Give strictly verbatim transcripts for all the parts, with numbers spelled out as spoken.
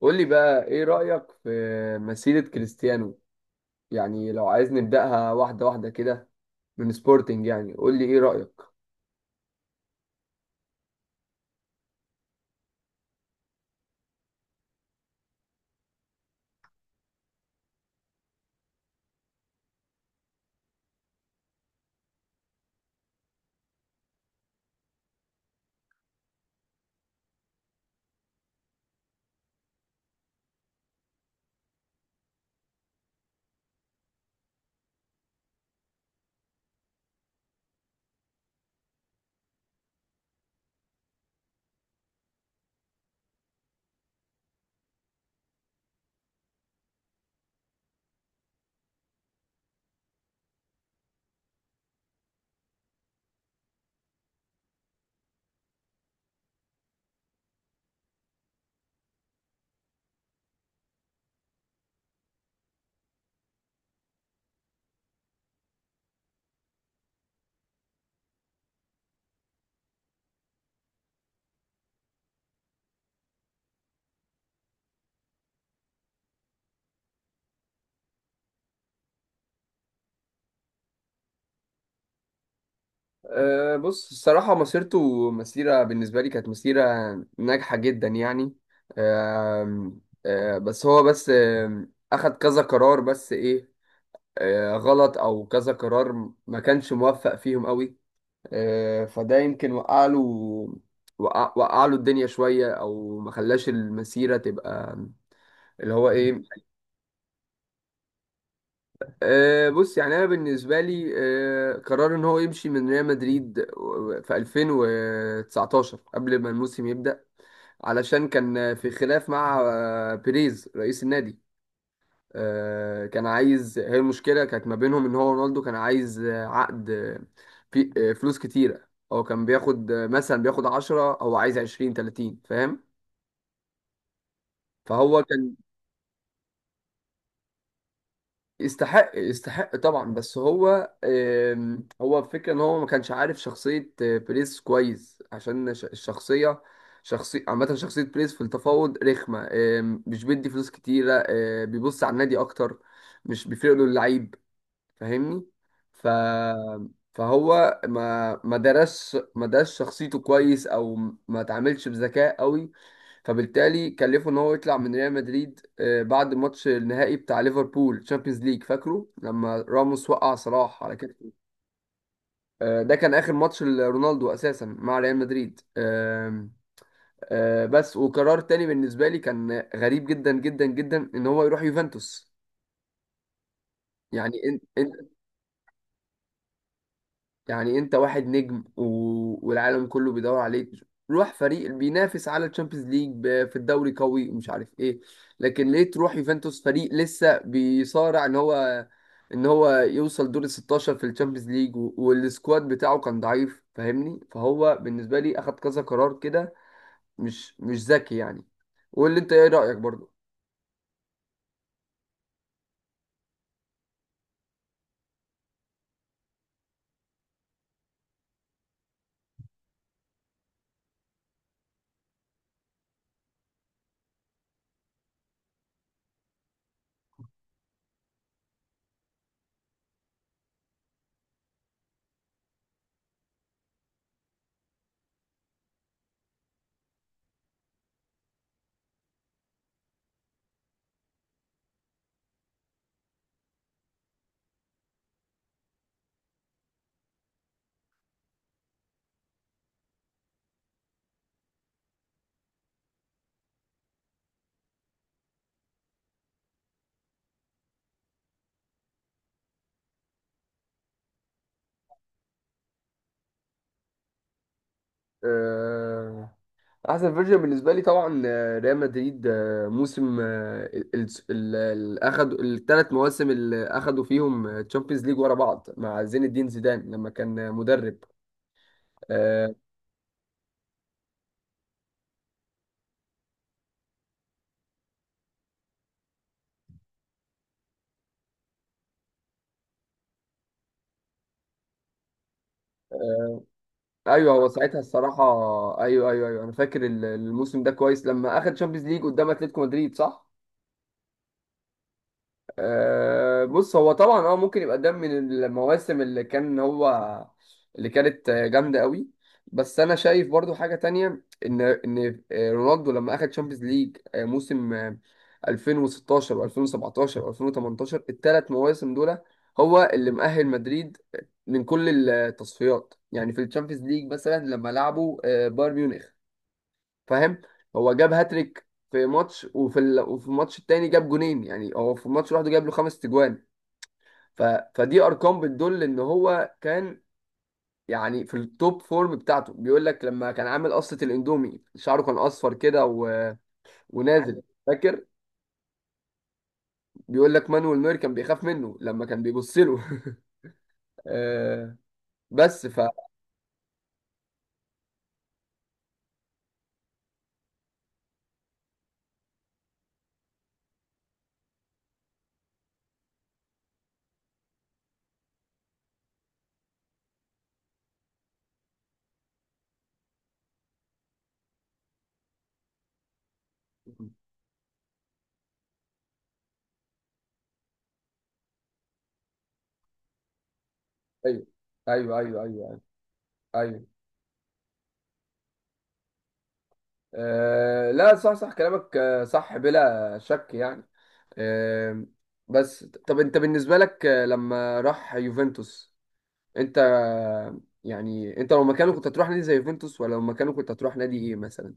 قول لي بقى ايه رأيك في مسيرة كريستيانو؟ يعني لو عايز نبدأها واحدة واحدة كده من سبورتنج، يعني قول لي ايه رأيك. أه بص، الصراحة مسيرته مسيرة بالنسبة لي كانت مسيرة ناجحة جدا يعني. أم أه بس هو بس أم، أخد كذا قرار بس ايه، أه غلط، او كذا قرار ما كانش موفق فيهم قوي. أه فده يمكن وقع له، وقع وقع له الدنيا شوية، او ما خلاش المسيرة تبقى اللي هو ايه. آه بص، يعني انا بالنسبه لي آه قرار ان هو يمشي من ريال مدريد في الفين وتسعتاشر قبل ما الموسم يبدا، علشان كان في خلاف مع آه بيريز رئيس النادي. آه، كان عايز، هي المشكله كانت ما بينهم ان هو رونالدو كان عايز آه، عقد، آه، في آه، فلوس كتيره. هو كان بياخد آه، مثلا بياخد عشرة، هو عايز عشرين، ثلاثين، فاهم؟ فهو كان، يستحق، يستحق طبعا. بس هو آم، هو الفكرة ان هو ما كانش عارف شخصية آه، بريز كويس، عشان ش- الشخصية، شخصية عامة، شخصية بريز في التفاوض رخمة. آم، مش بيدي فلوس كتيرة، آه، بيبص على النادي اكتر، مش بيفرق له اللعيب، فاهمني؟ ف فهو ما ما درس ما درس شخصيته كويس، او ما تعاملش بذكاء قوي. فبالتالي كلفه ان هو يطلع من ريال مدريد آه، بعد ماتش النهائي بتاع ليفربول تشامبيونز ليج، فاكره لما راموس وقع صلاح على كده. آه، ده كان اخر ماتش لرونالدو اساسا مع ريال مدريد. آم، آه، بس وقرار تاني بالنسبه لي كان غريب جدا جدا جدا، ان هو يروح يوفنتوس. يعني، يعني انت واحد نجم، و... والعالم كله بيدور عليك، روح فريق بينافس على الشامبيونز ليج، ب... في الدوري قوي ومش عارف ايه. لكن ليه تروح يوفنتوس، فريق لسه بيصارع ان هو، ان هو يوصل دور ال ستاشر في الشامبيونز ليج، و... والسكواد بتاعه كان ضعيف، فاهمني؟ فهو بالنسبة لي اخد كذا قرار كده مش مش ذكي يعني. واللي، انت ايه رأيك برضو؟ آه، احسن فيرجن بالنسبه لي طبعا آه، ريال مدريد، آه، موسم، آه، ال- ال- ال- اخد الثلاث مواسم اللي اخدوا فيهم تشامبيونز ليج ورا بعض مع زين الدين زيدان لما كان مدرب. آه، آه، ايوه هو ساعتها الصراحه، ايوه ايوه ايوه، انا فاكر ال- الموسم ده كويس لما اخد تشامبيونز ليج قدام اتلتيكو مدريد، صح. آه، بص هو طبعا اه ممكن يبقى ده من المواسم اللي كان هو، اللي كانت آه، جامده قوي. بس انا شايف برضو حاجه تانية ان ان آه، رونالدو لما اخد تشامبيونز ليج آه، موسم آه، الفين وستاشر و2017 و2018، الثلاث مواسم دول هو اللي مؤهل مدريد من كل التصفيات. يعني في الشامبيونز ليج مثلا لما لعبوا آه، بايرن ميونخ، فاهم؟ هو جاب هاتريك في ماتش، وفي ال... وفي الماتش التاني جاب جونين. يعني هو في الماتش لوحده جاب له خمس تجوان. ف... فدي ارقام بتدل ان هو كان يعني في التوب فورم بتاعته. بيقول لك لما كان عامل قصة الاندومي، شعره كان اصفر كده، و... ونازل، فاكر؟ بيقول لك مانويل نوير كان بيخاف منه لما كان بيبص له. آه، بس ف ايوه ايوه ايوه ايوه ايوه. آه، لا صح، صح كلامك، آه، صح بلا شك يعني. آم، بس طب انت بالنسبة لك آه، لما راح يوفنتوس، انت آه، يعني انت لو مكانه كنت هتروح نادي زي يوفنتوس، ولا لو مكانه كنت هتروح نادي ايه مثلا؟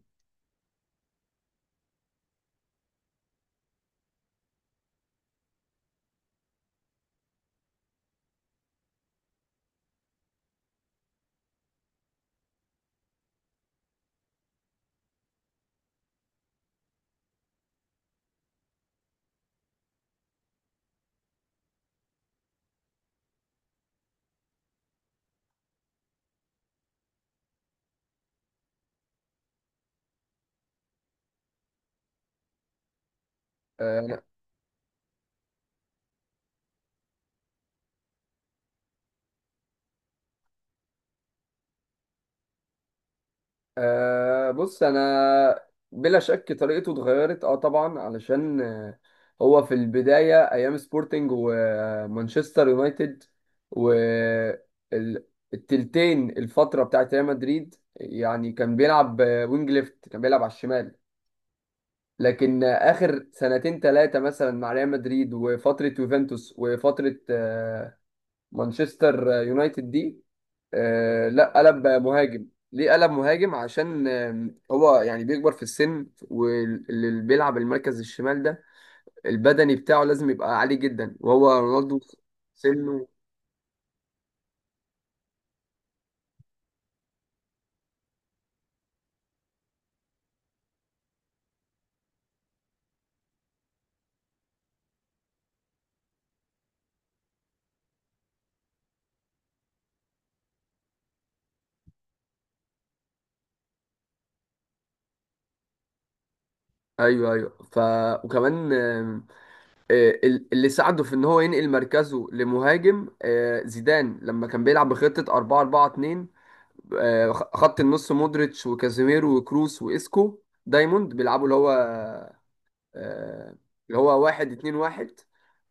آه، انا آه، بص انا، بلا شك طريقته اتغيرت، اه طبعا. علشان آه، هو في البداية ايام سبورتنج ومانشستر يونايتد والتلتين الفترة بتاعت ريال مدريد، يعني كان بيلعب آه، وينج ليفت، كان بيلعب على الشمال. لكن اخر سنتين ثلاثه مثلا مع ريال مدريد، وفتره يوفنتوس، وفتره آه، مانشستر يونايتد دي، آه، لا قلب مهاجم. ليه قلب مهاجم؟ عشان آم، هو يعني بيكبر في السن، واللي بيلعب المركز الشمال ده البدني بتاعه لازم يبقى عالي جدا، وهو رونالدو سنه. ايوه ايوه. ف وكمان آم، آه، ال- اللي ساعده في ان هو ينقل مركزه لمهاجم آه، زيدان لما كان بيلعب بخطة اربعة اربعة اتنين، آه، خط النص مودريتش وكازيميرو وكروس وإسكو، دايموند بيلعبوا اللي هو، آه، اللي هو واحد اتنين واحد.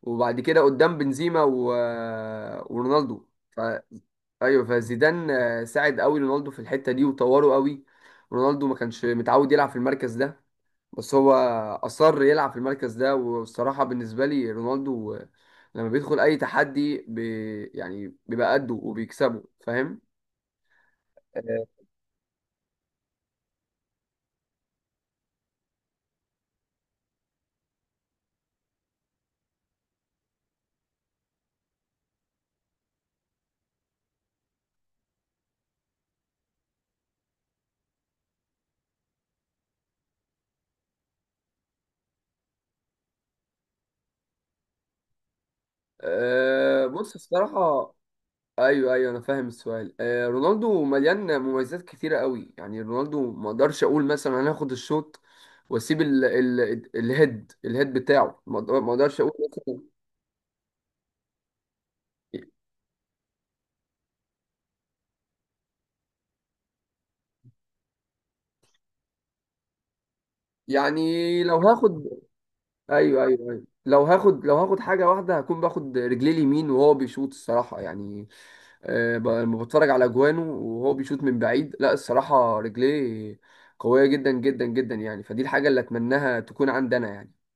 وبعد كده قدام بنزيما و... آه، ورونالدو ف... ايوه، فزيدان آه، ساعد قوي رونالدو في الحته دي وطوره قوي. رونالدو ما كانش متعود يلعب في المركز ده، بس هو اصر يلعب في المركز ده. والصراحه بالنسبه لي رونالدو آه، لما بيدخل اي تحدي بي، يعني بيبقى قده وبيكسبه، فاهم؟ أه بص، الصراحة، أيوه أيوه، أنا فاهم السؤال. أه رونالدو مليان مميزات كتيرة قوي. يعني رونالدو ما أقدرش أقول مثلا أنا هاخد الشوط وأسيب ال ال الهيد، الهيد بتاعه. ما أقدر- ما أقدرش أقول مثلا. يعني لو هاخد، ايوه ايوه ايوه، لو هاخد، لو هاخد حاجه واحده، هكون باخد رجليه اليمين وهو بيشوط، الصراحه يعني. آه، ب- لما بتفرج على اجوانه وهو بيشوط من بعيد، لا الصراحه، رجليه قويه جدا جدا جدا يعني. فدي الحاجه اللي اتمناها تكون عندنا يعني.